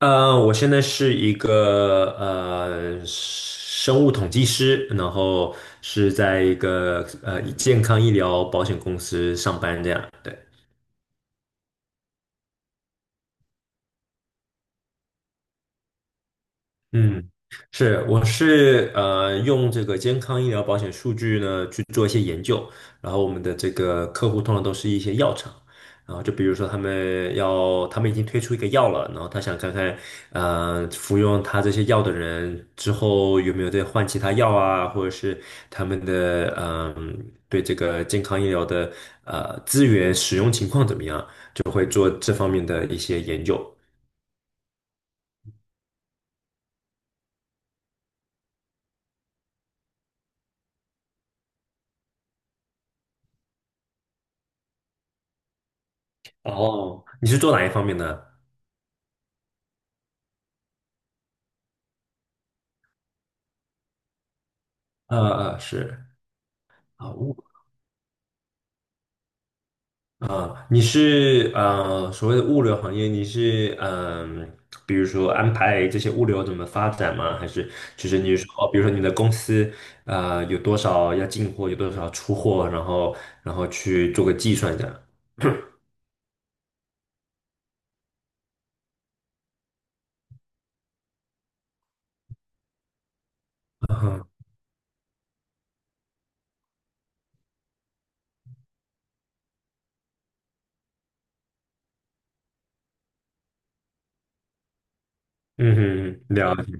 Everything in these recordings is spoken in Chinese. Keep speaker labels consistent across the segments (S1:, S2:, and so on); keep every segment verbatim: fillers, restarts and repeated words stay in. S1: 呃，我现在是一个呃生物统计师，然后是在一个呃健康医疗保险公司上班这样。对。嗯，是，我是呃用这个健康医疗保险数据呢去做一些研究，然后我们的这个客户通常都是一些药厂，然后就比如说他们要他们已经推出一个药了，然后他想看看呃服用他这些药的人之后有没有再换其他药啊，或者是他们的嗯、对这个健康医疗的呃资源使用情况怎么样就的一些研究。哦，你是做哪一方面呢？呃呃是。啊，啊，你是呃所谓的物流行业，你是嗯、比如说安排这些物流怎么发展吗？还是就是你说，比如说你的公司啊，有多少要进货，有多少出货，然后然后去做个计算这样。嗯嗯哼，了解。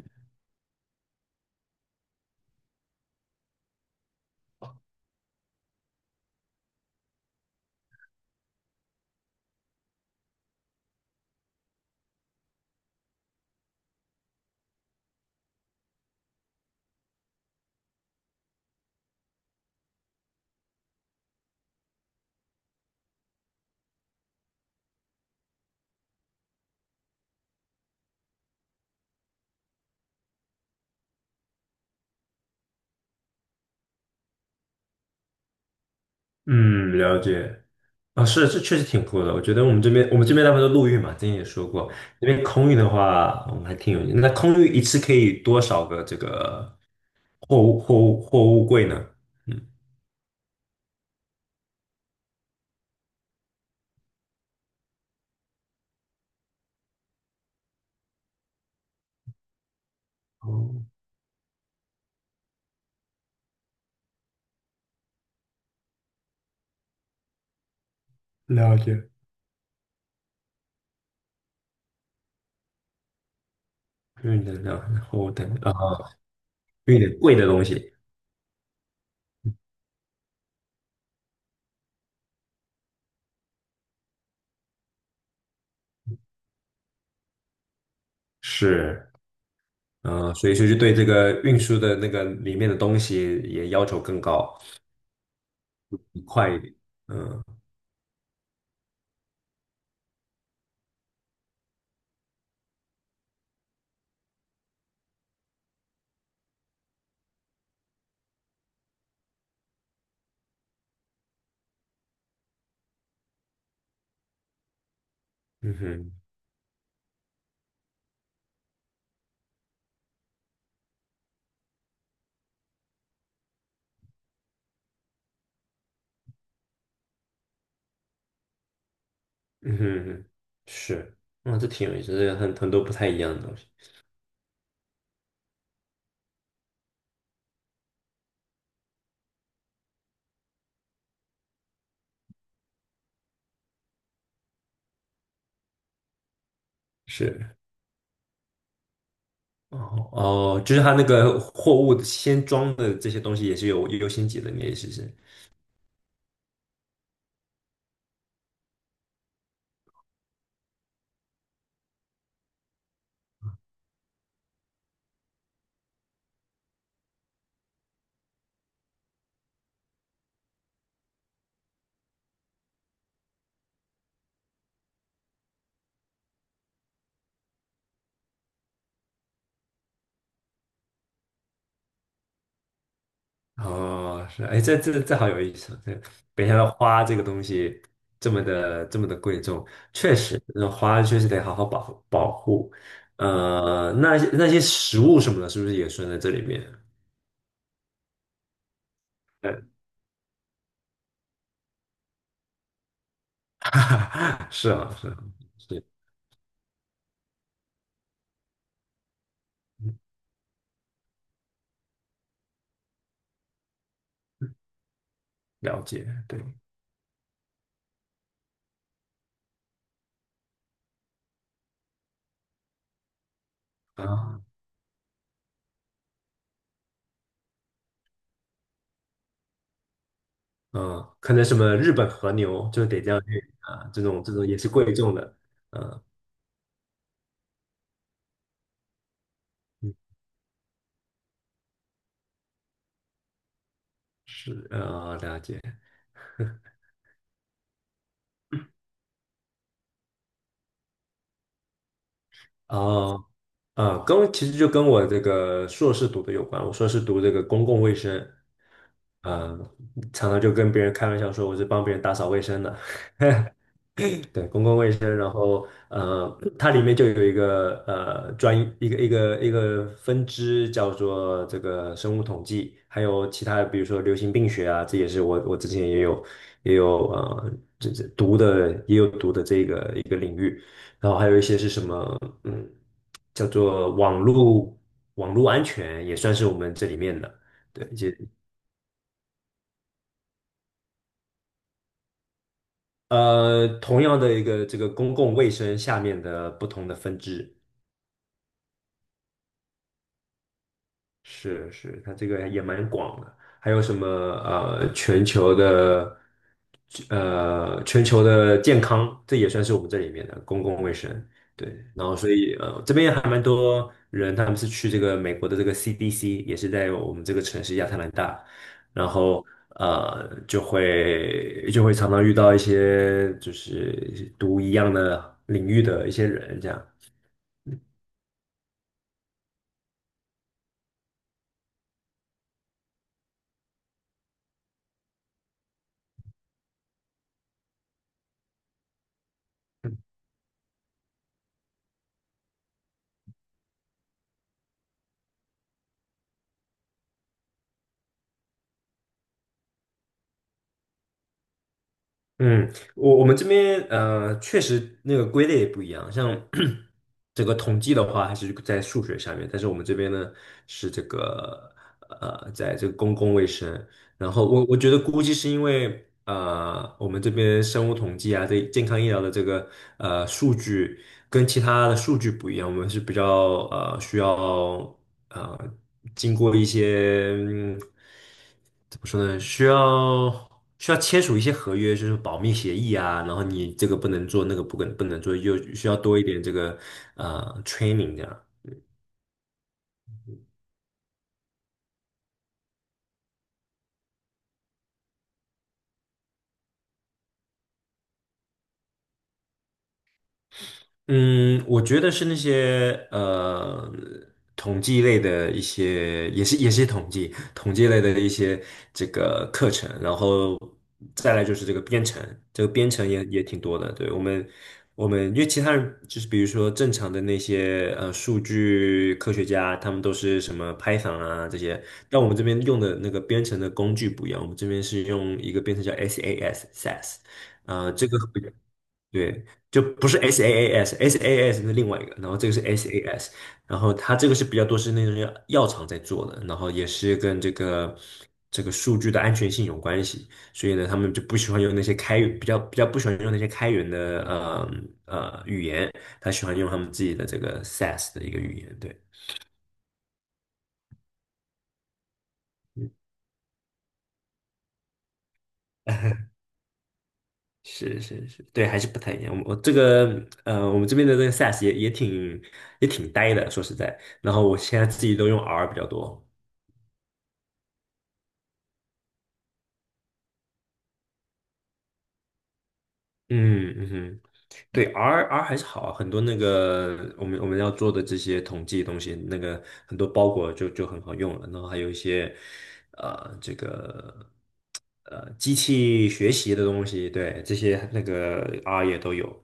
S1: 嗯了解。啊、是，这确实挺酷的。我觉得我们这边，我们这边大部分都陆运嘛，之前也说过。那边空运的话，我们还挺有。那空运一次可以多少个这个货物货物货物柜呢？嗯。哦，了解，运能量然后等啊，运点贵的东西，是，呃，所以说就对这个运输的那个里面的东西也要求更高，快一点，呃嗯嗯哼，嗯哼，是，嗯，这挺有意思，这个很很多不太一样的东西，是，哦哦，就是它那个货物先装的这些东西也是有优先级的，你的意思是？哦，是啊，哎，这这这好有意思啊，这没想到花这个东西这么的这么的贵重，确实，那花确实得好好保护保护。呃，那些那些食物什么的，是不是也算在这里面？对，是啊，是啊，是，了解，对啊，嗯，可能什么日本和牛就得这样去啊，这种这种也是贵重的，嗯、嗯，是呃，了解。哦，啊，跟其实就跟我这个硕士读的有关。我硕士读这个公共卫生，嗯，常常就跟别人开玩笑说我是帮别人打扫卫生的。对，公共卫生，然后呃，它里面就有一个呃专一个一个一个分支叫做这个生物统计，还有其他比如说流行病学啊，这也是我我之前也有也有呃这这读的也有读的这个一个领域，然后还有一些是什么嗯叫做网络网络安全也算是我们这里面的，对，一些呃同样的一个这个公共卫生下面的不同的分支。是是，它这个也蛮广的。还有什么呃，全球的呃，全球的健康，这也算是我们这里面的公共卫生。对，然后所以呃，这边还蛮多人，他们是去这个美国的这个 C D C，也是在我们这个城市亚特兰大，然后呃，就会就会常常遇到一些就是读一样的领域的一些人这样。嗯，我我们这边呃，确实那个归类也不一样，像 整个统计的话，还是在数学下面，但是我们这边呢是这个呃，在这个公共卫生，然后我我觉得估计是因为呃，我们这边生物统计啊，这健康医疗的这个呃数据跟其他的数据不一样，我们是比较呃需要呃经过一些。怎么说呢？需要需要签署一些合约，就是保密协议啊，然后你这个不能做，那个不能不能做，就需要多一点这个呃 training 这样。嗯，我觉得是那些呃统计类的一些，也是也是统计统计类的一些这个课程，然后再来就是这个编程，这个编程也也挺多的。对，我们我们因为其他人就是比如说正常的那些呃数据科学家，他们都是什么 Python 啊这些，但我们这边用的那个编程的工具不一样，我们这边是用一个编程叫 SAS SAS，呃，这个。对，就不是 SaaS，SaaS 是另外一个，然后这个是 SaaS，然后它这个是比较多是那种药药厂在做的，然后也是跟这个这个数据的安全性有关系，所以呢，他们就不喜欢用那些开源，比较比较不喜欢用那些开源的呃呃语言，他喜欢用他们自己的这个 SaaS 的一个语言，对。嗯，是是是，对，还是不太一样。我这个呃，我们这边的这个 SaaS 也也挺也挺呆的，说实在。然后我现在自己都用 R 比较多。嗯嗯哼，对，R R 还是好啊，很多那个我们我们要做的这些统计的东西，那个很多包裹就就很好用了，然后还有一些呃这个呃机器学习的东西，对，这些那个 R 也都有。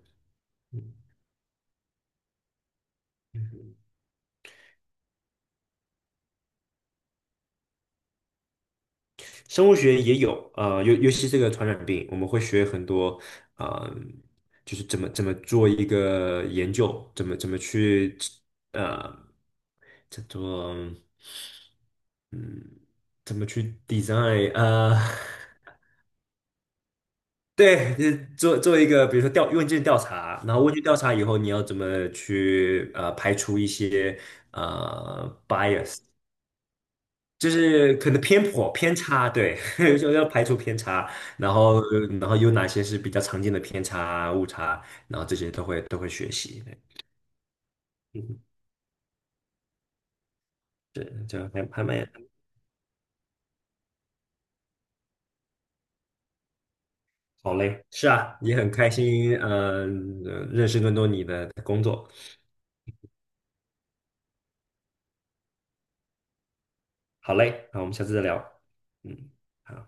S1: 生物学也有，呃，尤尤其这个传染病，我们会学很多，呃，就是怎么怎么做一个研究，怎么怎么去，呃，叫做，嗯，怎么去 design，呃，对，就是做做一个，比如说调问卷调查，然后问卷调查以后，你要怎么去呃排除一些呃 bias，就是可能偏颇偏差，对，就要排除偏差，然后然后有哪些是比较常见的偏差误差，然后这些都会都会学习，对，嗯，对，就还还蛮好嘞，是啊，也很开心，嗯、呃认识更多你的工作，好嘞，那我们下次再聊，嗯。好。